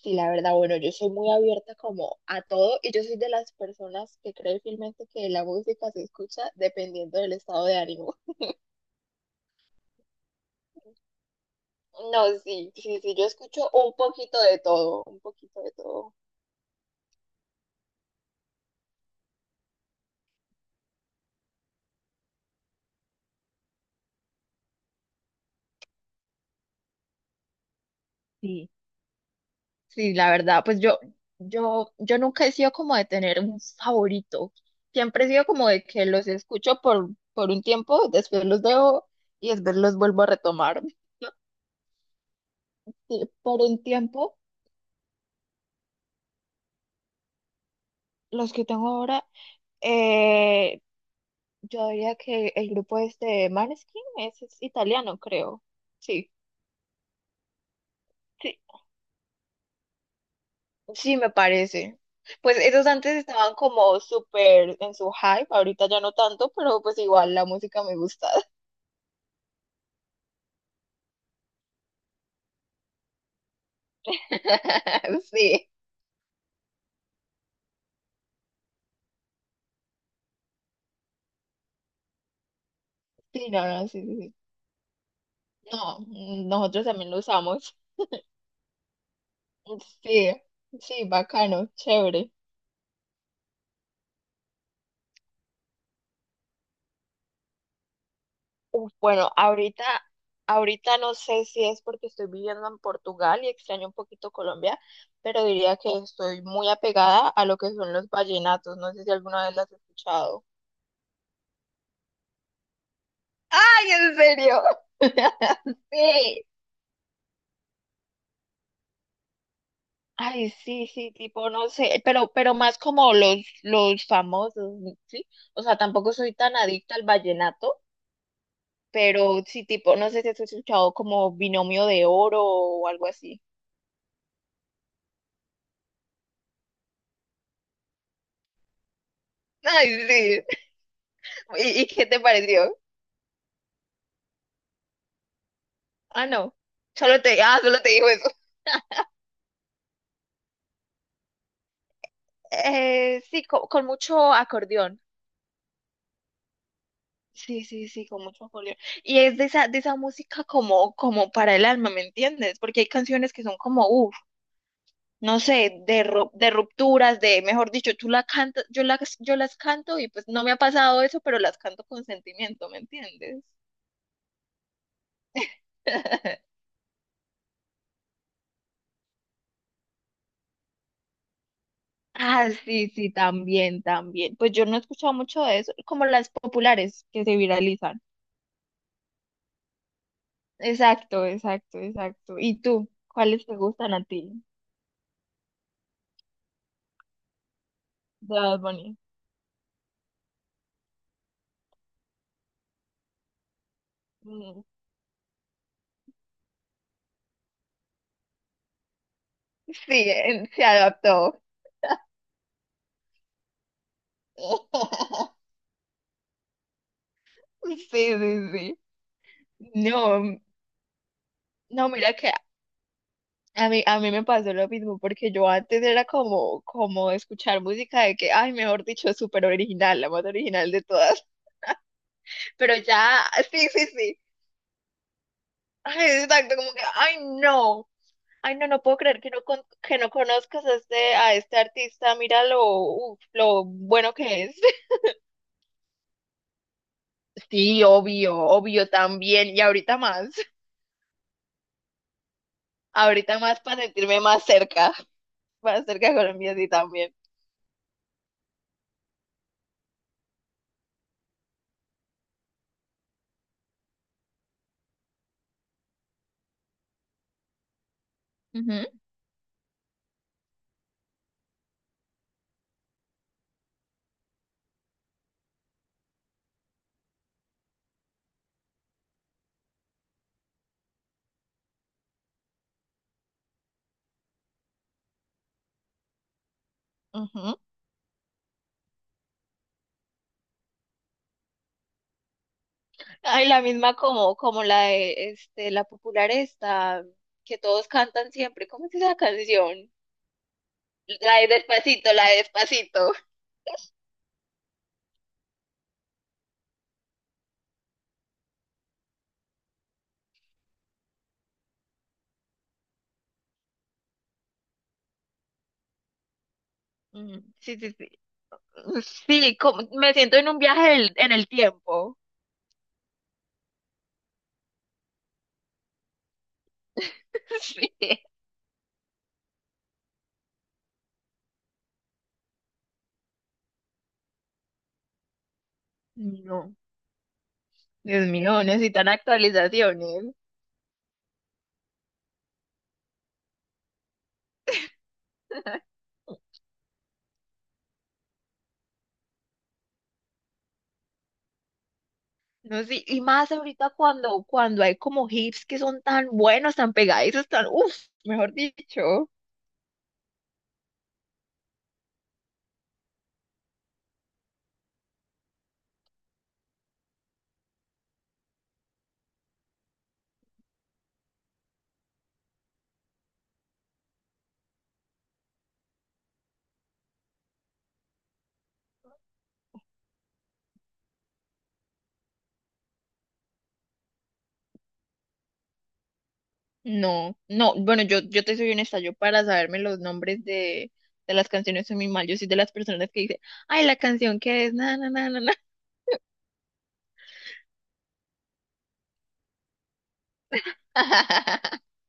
Sí, la verdad, bueno, yo soy muy abierta como a todo y yo soy de las personas que cree fielmente que la música se escucha dependiendo del estado de ánimo. No, sí, sí, sí, yo escucho un poquito de todo, un poquito de todo. Sí, sí, la verdad, pues yo nunca he sido como de tener un favorito. Siempre he sido como de que los escucho por un tiempo, después los dejo y después los vuelvo a retomar. Sí, por un tiempo, los que tengo ahora, eh, yo diría que el grupo este Maneskin es italiano, creo. Sí, sí, sí, me parece. Pues esos antes estaban como súper en su hype, ahorita ya no tanto, pero pues igual la música me gusta. Sí, sí, no, no, sí, sí, sí. No, nosotros también lo usamos. Sí, sí, bacano, chévere. Bueno, ahorita, ahorita no sé si es porque estoy viviendo en Portugal y extraño un poquito Colombia, pero diría que estoy muy apegada a lo que son los vallenatos. No sé si alguna vez las has escuchado. ¡Ay, en serio! Sí. Ay, sí, sí, tipo, no sé, pero más como los famosos, ¿sí? O sea, tampoco soy tan adicta al vallenato, pero sí, tipo, no sé si has escuchado como Binomio de Oro o algo así. ¡Ay, sí! ¿Y, y qué te pareció? Ah, no. Solo te, ah, solo te dijo eso. Sí, co- con mucho acordeón. Sí, sí, sí, con mucho acordeón. Y es de esa música como, como para el alma, ¿me entiendes? Porque hay canciones que son como, uff, no sé, de, ru- de rupturas, de, mejor dicho, tú la cantas, yo las canto y pues no me ha pasado eso, pero las canto con sentimiento, ¿me entiendes? Ah, sí, sí, también, también. Pues yo no he escuchado mucho de eso, como las populares que se viralizan. Exacto, exacto, exacto. ¿Y tú? ¿Cuáles te gustan a ti de Bad Bunny? Mm, Sí, se adaptó. Sí, sí, sí. No, no, mira que a mí me pasó lo mismo, porque yo antes era como, como escuchar música de que, ay, mejor dicho, súper original, la más original de todas. Pero ya, sí, sí, sí. Ay, exacto, como que, ay, no. Ay, no, no puedo creer que no, con- que no conozcas a este artista. Mira lo, uf, lo bueno que es. Sí, obvio, obvio también. Y ahorita más. Ahorita más para sentirme más cerca. Más cerca de Colombia, sí, también. Ujú. Ujú. Ay, la misma como, como la de este, la popular esta, que todos cantan siempre. ¿Cómo es esa canción? La de Despacito, la de Despacito. Sí, sí, sí. Sí, como- me siento en un viaje del- en el tiempo. Sí. No, Dios mío, necesitan actualizaciones. No, sí, y más ahorita cuando, cuando hay como hips que son tan buenos, tan pegadizos, tan, uff, mejor dicho. No, no, bueno, yo te soy honesta, yo para saberme los nombres de las canciones soy muy mal, yo soy de las personas que dice ay, la canción que es, na, na, na, na, na.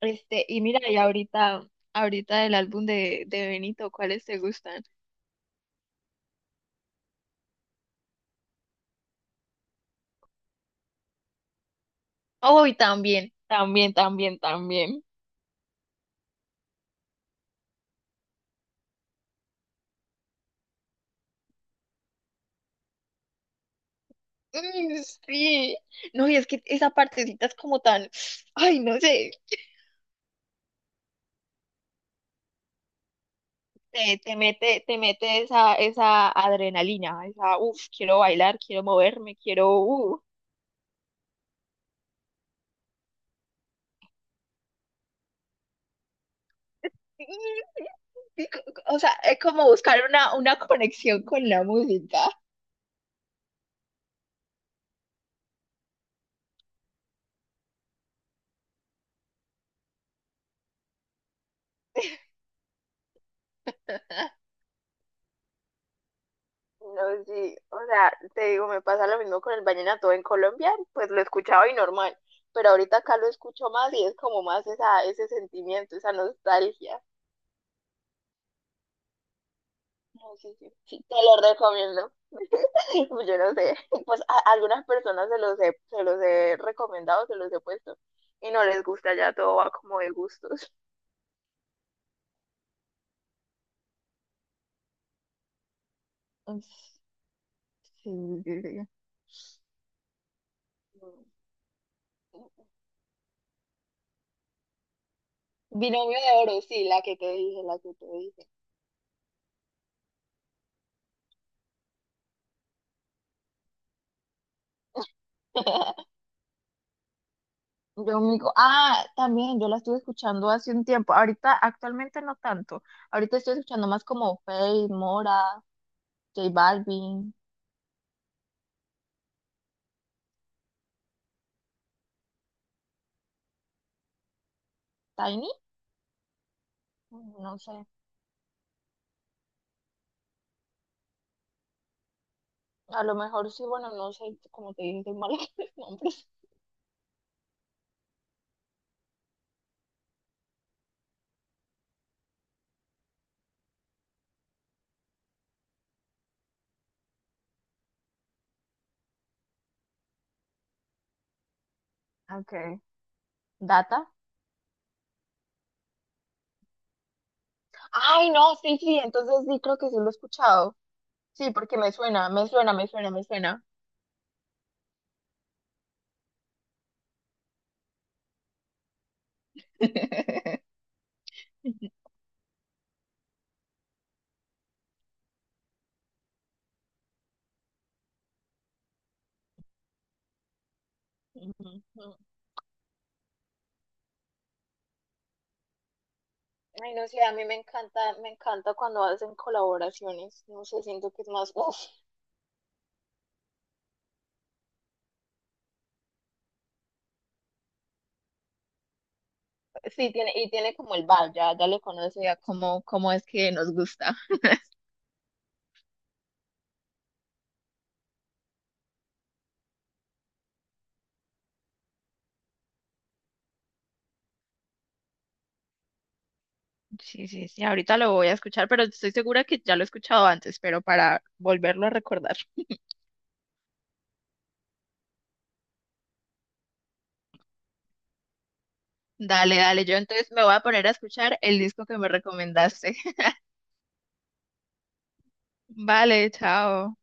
Este, y mira, y ahorita, ahorita del álbum de Benito, ¿cuáles te gustan? Oh, y también, también, también, también. Mm, Sí, no, y es que esa partecita es como tan, ay, no sé, te mete, te mete esa, esa adrenalina, esa, uff, quiero bailar, quiero moverme, quiero. Mm, sí, co- co- o sea, es como buscar una conexión con la música. No, sí, o sea, te digo, me pasa lo mismo con el vallenato en Colombia, pues lo escuchaba y normal, pero ahorita acá lo escucho más y es como más esa, ese sentimiento, esa nostalgia. Sí, sí, sí. Sí, te lo recomiendo. Pues yo no sé, pues a algunas personas se los he recomendado, se los he puesto y no les gusta, ya todo va como de gustos. Mm, Sí, sí, sí. Mm. Binomio de Oro, sí, la que te dije, la que te dije. Yo me digo, ah, también yo la estuve escuchando hace un tiempo. Ahorita, actualmente no tanto. Ahorita estoy escuchando más como Faye, Mora, J Balvin, Tiny. No sé, a lo mejor sí, bueno, no sé, como te dije, soy mala con los nombres. Okay. Data. Ay, no, sí, sí, entonces sí, creo que sí lo he escuchado. Sí, porque me suena, me suena, me suena, me suena. Ujú, ujú. Ay, no sé, a mí me encanta cuando hacen colaboraciones. No sé, siento que es más, uff, sí, tiene, y tiene como el vibe, ya, ya le conoce ya cómo, cómo es que nos gusta. Sí, sí, sí, ahorita lo voy a escuchar, pero estoy segura que ya lo he escuchado antes, pero para volverlo a recordar. Dale, dale, yo entonces me voy a poner a escuchar el disco que me recomendaste. Vale, chao.